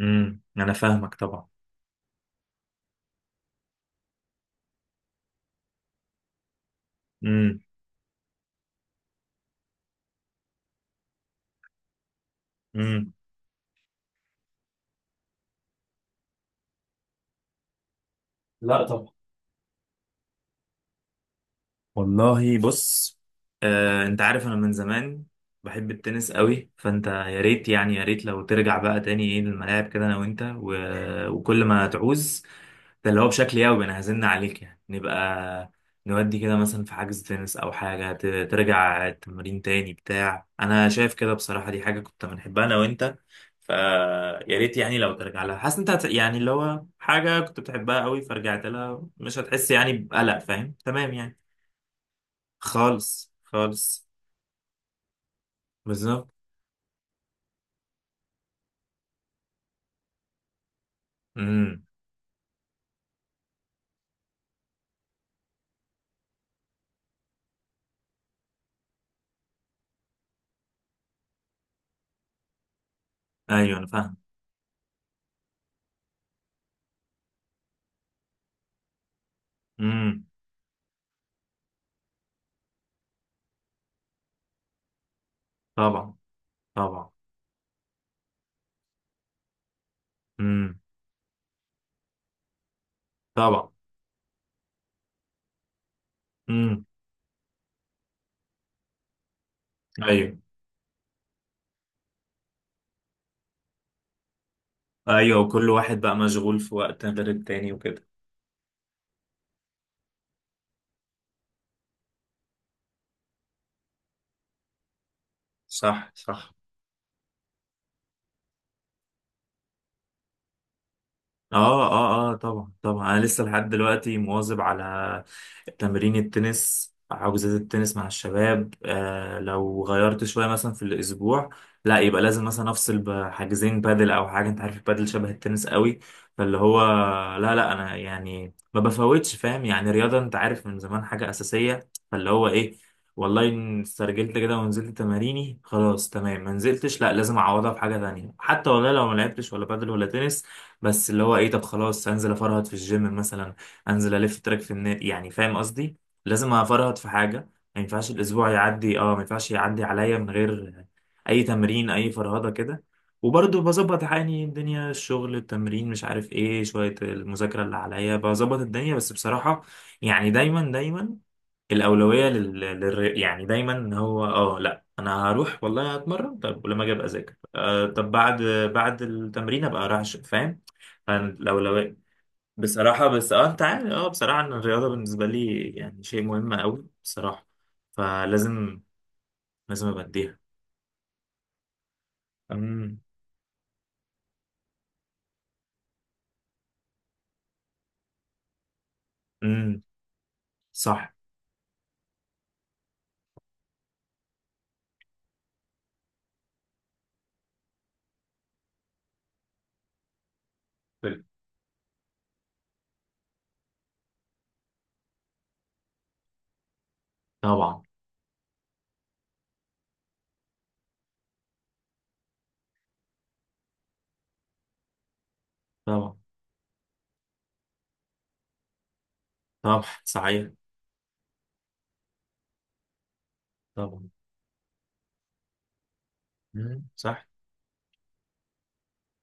انا فاهمك طبعا. امم. امم. لا طبعا. والله بص، انت عارف انا من زمان بحب التنس قوي، فانت يا ريت يعني يا ريت لو ترجع بقى تاني ايه للملاعب كده انا وانت وكل ما تعوز، ده اللي هو بشكل يومي. انا هزن عليك يعني نبقى نودي كده مثلا في حجز تنس او حاجة ترجع التمرين تاني بتاع. انا شايف كده بصراحة، دي حاجة كنت بنحبها انا وانت، فيا ريت يعني لو ترجع لها. حاسس انت يعني اللي هو حاجة كنت بتحبها قوي، فرجعت لها مش هتحس يعني بقلق. فاهم؟ تمام يعني. خالص خالص. بالظبط. امم. ايوه انا فاهم. امم. طبعا. طبعا. امم. طبعا. امم. ايوه ايوه، وكل واحد بقى مشغول في وقت غير التاني وكده. صح صح. اه اه اه، طبعا طبعا. انا لسه لحد دلوقتي مواظب على تمرين التنس، حجوزات التنس مع الشباب. آه لو غيرت شويه مثلا في الاسبوع لا، يبقى لازم مثلا افصل بحاجزين بادل او حاجه. انت عارف البادل شبه التنس قوي، فاللي هو لا لا انا يعني ما بفوتش. فاهم يعني رياضه انت عارف من زمان حاجه اساسيه، فاللي هو ايه والله إن استرجلت كده ونزلت تماريني خلاص تمام. ما نزلتش، لا لازم اعوضها بحاجه تانية، حتى والله لو ما لعبتش ولا بادل ولا تنس. بس اللي هو ايه، طب خلاص انزل افرهد في الجيم مثلا، انزل الف تراك في النادي. يعني فاهم قصدي، لازم افرهد في حاجه. ما ينفعش الاسبوع يعدي، اه ما ينفعش يعدي عليا من غير اي تمرين، اي فرهده كده. وبرضه بظبط حالي، الدنيا، الشغل، التمرين، مش عارف ايه، شويه المذاكره اللي عليا. بظبط الدنيا بس بصراحه يعني دايما دايما الأولوية يعني دايما إن هو اه لا، انا هروح والله هتمرن، طب ولما اجي ابقى اذاكر، آه طب بعد التمرين ابقى اروح فاهم؟ فالأولوية بصراحة، بس اه انت عارف، اه بصراحة ان الرياضة بالنسبة لي يعني شيء مهم قوي بصراحة، فلازم لازم ابقى اديها. امم. امم. صح. طيب. طبعا. طبعا. طبعا صحيح. طبعا. مم. صح.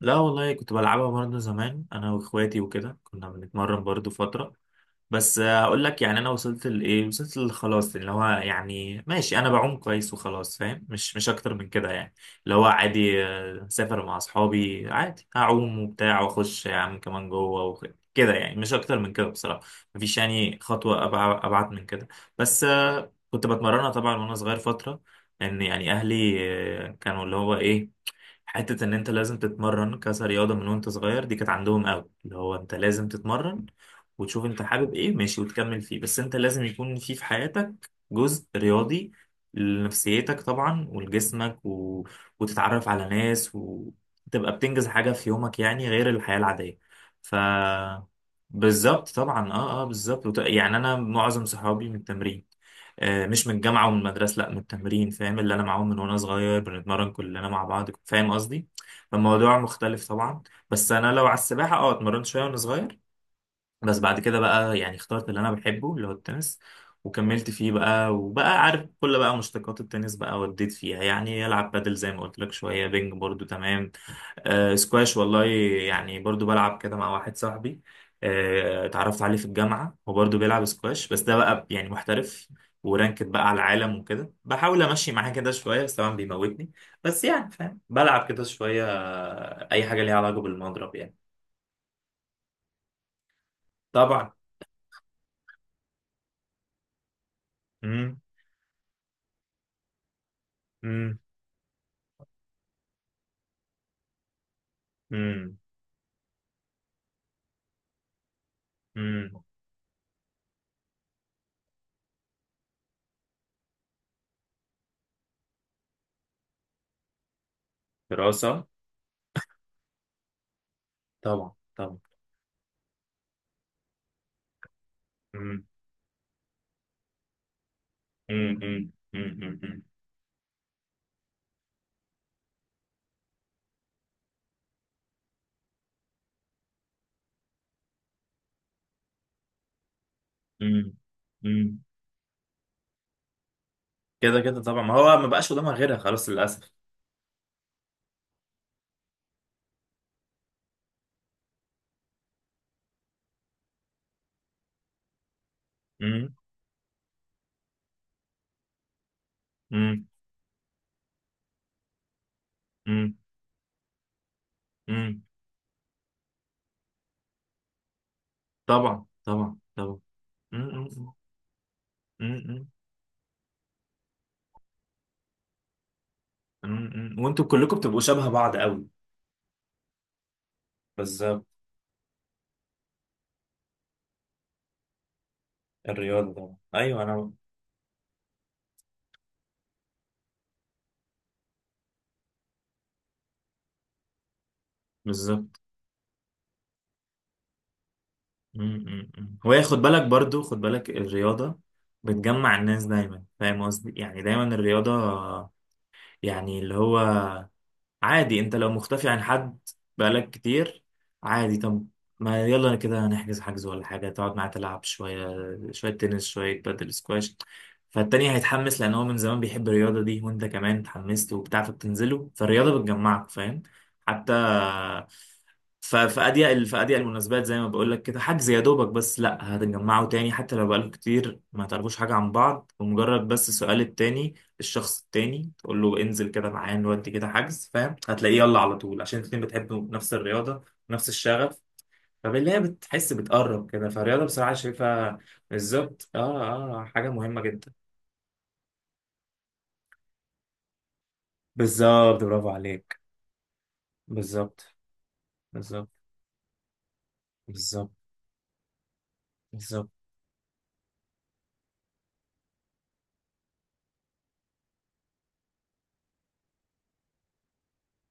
لا والله كنت بلعبها برضه زمان انا واخواتي وكده، كنا بنتمرن برضه فترة. بس هقول لك يعني انا وصلت لايه، وصلت لخلاص اللي هو يعني ماشي انا بعوم كويس وخلاص. فاهم؟ مش اكتر من كده يعني. اللي هو عادي، سافر مع اصحابي عادي، هعوم وبتاع واخش يا عم كمان جوه كده يعني. مش اكتر من كده بصراحه، مفيش يعني خطوه ابعد من كده. بس كنت بتمرنها طبعا وانا صغير فتره، ان يعني اهلي كانوا اللي هو ايه، حتة إن أنت لازم تتمرن كرياضة من وأنت صغير. دي كانت عندهم أوي، اللي هو أنت لازم تتمرن وتشوف أنت حابب إيه، ماشي وتكمل فيه. بس أنت لازم يكون في حياتك جزء رياضي لنفسيتك طبعا ولجسمك وتتعرف على ناس وتبقى بتنجز حاجة في يومك، يعني غير الحياة العادية. ف بالظبط طبعا. اه اه بالظبط يعني أنا معظم صحابي من التمرين، مش من الجامعة ومن المدرسة، لا، من التمرين. فاهم؟ اللي أنا معاهم من وأنا صغير بنتمرن كلنا مع بعض. فاهم قصدي؟ فالموضوع مختلف طبعا. بس أنا لو على السباحة أه اتمرنت شوية وأنا صغير، بس بعد كده بقى يعني اخترت اللي أنا بحبه، اللي هو التنس، وكملت فيه بقى. وبقى عارف كل بقى مشتقات التنس بقى، وديت فيها. يعني ألعب بادل زي ما قلت لك، شوية بينج برضو، تمام، آه سكواش والله، يعني برضو بلعب كده مع واحد صاحبي. آه اتعرفت عليه في الجامعة، هو برضو بيلعب سكواش بس ده بقى يعني محترف، ورانكد بقى على العالم وكده، بحاول امشي معاه كده شوية بس طبعا بيموتني. بس يعني فاهم بلعب كده شوية، اي حاجة ليها علاقة بالمضرب يعني. طبعا. امم. امم. امم امم. دراسة. طبعا طبعا. امم. امم. امم. امم. امم. أمم. كده كده طبعا، ما هو ما بقاش قدامها غيرها خلاص للأسف. امم. مم. مم. طبعا طبعا طبعا. مم. مم. مم. مم. مم. وانتوا كلكم بتبقوا شبه بعض قوي. بالظبط. الرياضه طبعا، ايوه انا. بالظبط. مم. مم. مم. وهي خد بالك برضو، خد بالك الرياضه بتجمع الناس دايما. فاهم قصدي؟ يعني دايما الرياضه يعني اللي هو عادي، انت لو مختفي عن حد بقالك كتير عادي، طب ما يلا انا كده هنحجز حجز ولا حاجة، تقعد معاه تلعب شوية، شوية تنس شوية بادل سكواش، فالتاني هيتحمس لأن هو من زمان بيحب الرياضة دي، وانت كمان اتحمست وبتاع فبتنزله. فالرياضة بتجمعك. فاهم؟ حتى في أضيق المناسبات، زي ما بقول لك كده حجز يا دوبك، بس لا هتجمعوا تاني حتى لو بقالكوا كتير ما تعرفوش حاجة عن بعض. ومجرد بس سؤال التاني، الشخص التاني تقول له انزل كده معايا نودي كده حجز. فاهم؟ هتلاقيه يلا على طول عشان الاتنين بتحبوا نفس الرياضة ونفس الشغف. فبالله بتحس بتقرب كده، فالرياضة بصراحة شايفها. بالظبط اه. اه حاجة مهمة جدا. بالظبط، برافو عليك. بالظبط. بالظبط. بالظبط. بالظبط.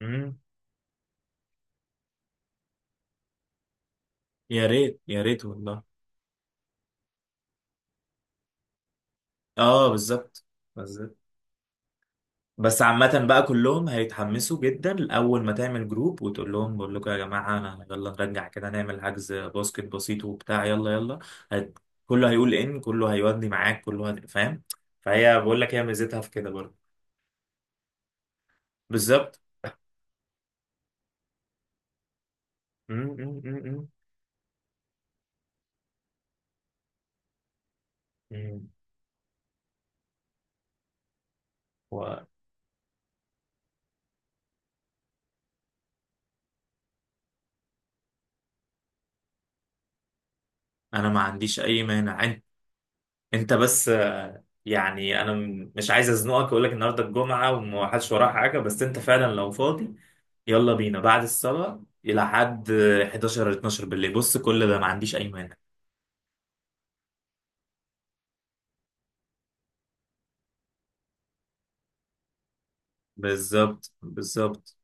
مم. يا ريت يا ريت والله. اه بالظبط. بالظبط. بس عامة بقى كلهم هيتحمسوا جدا أول ما تعمل جروب وتقول لهم، بقول لكم يا جماعة، أنا يلا نرجع كده نعمل حجز باسكت بسيط وبتاع يلا يلا هت... كله هيقول إن كله هيودي معاك، كله فاهم؟ فهي بقول لك هي ميزتها في كده برضه. بالظبط. م- م- م- م- م. وأنا ما عنديش أي مانع. أنت بس يعني أنا مش عايز أزنقك، أقول لك النهاردة الجمعة وما حدش وراه حاجة، بس أنت فعلا لو فاضي يلا بينا بعد الصلاة لحد 11 ولا 12 بالليل، بص كل ده ما عنديش أي مانع. بالظبط. بالظبط.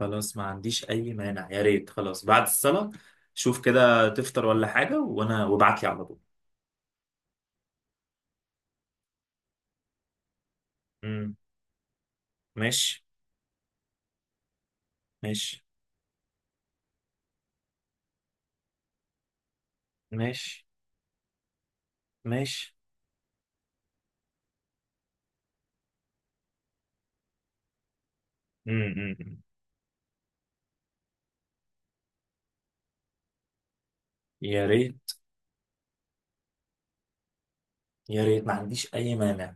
خلاص ما عنديش أي مانع، يا ريت، خلاص بعد الصلاة. شوف كده تفطر ولا حاجة وأنا، وابعت لي على طول. امم. ماشي. ماشي. ماشي ماشي. امم. يا ريت يا ريت، ما عنديش أي مانع.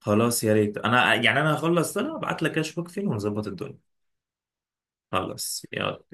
خلاص يا ريت، أنا يعني أنا هخلص صلاة ابعت لك أشوفك فين ونظبط الدنيا. خلاص يلا.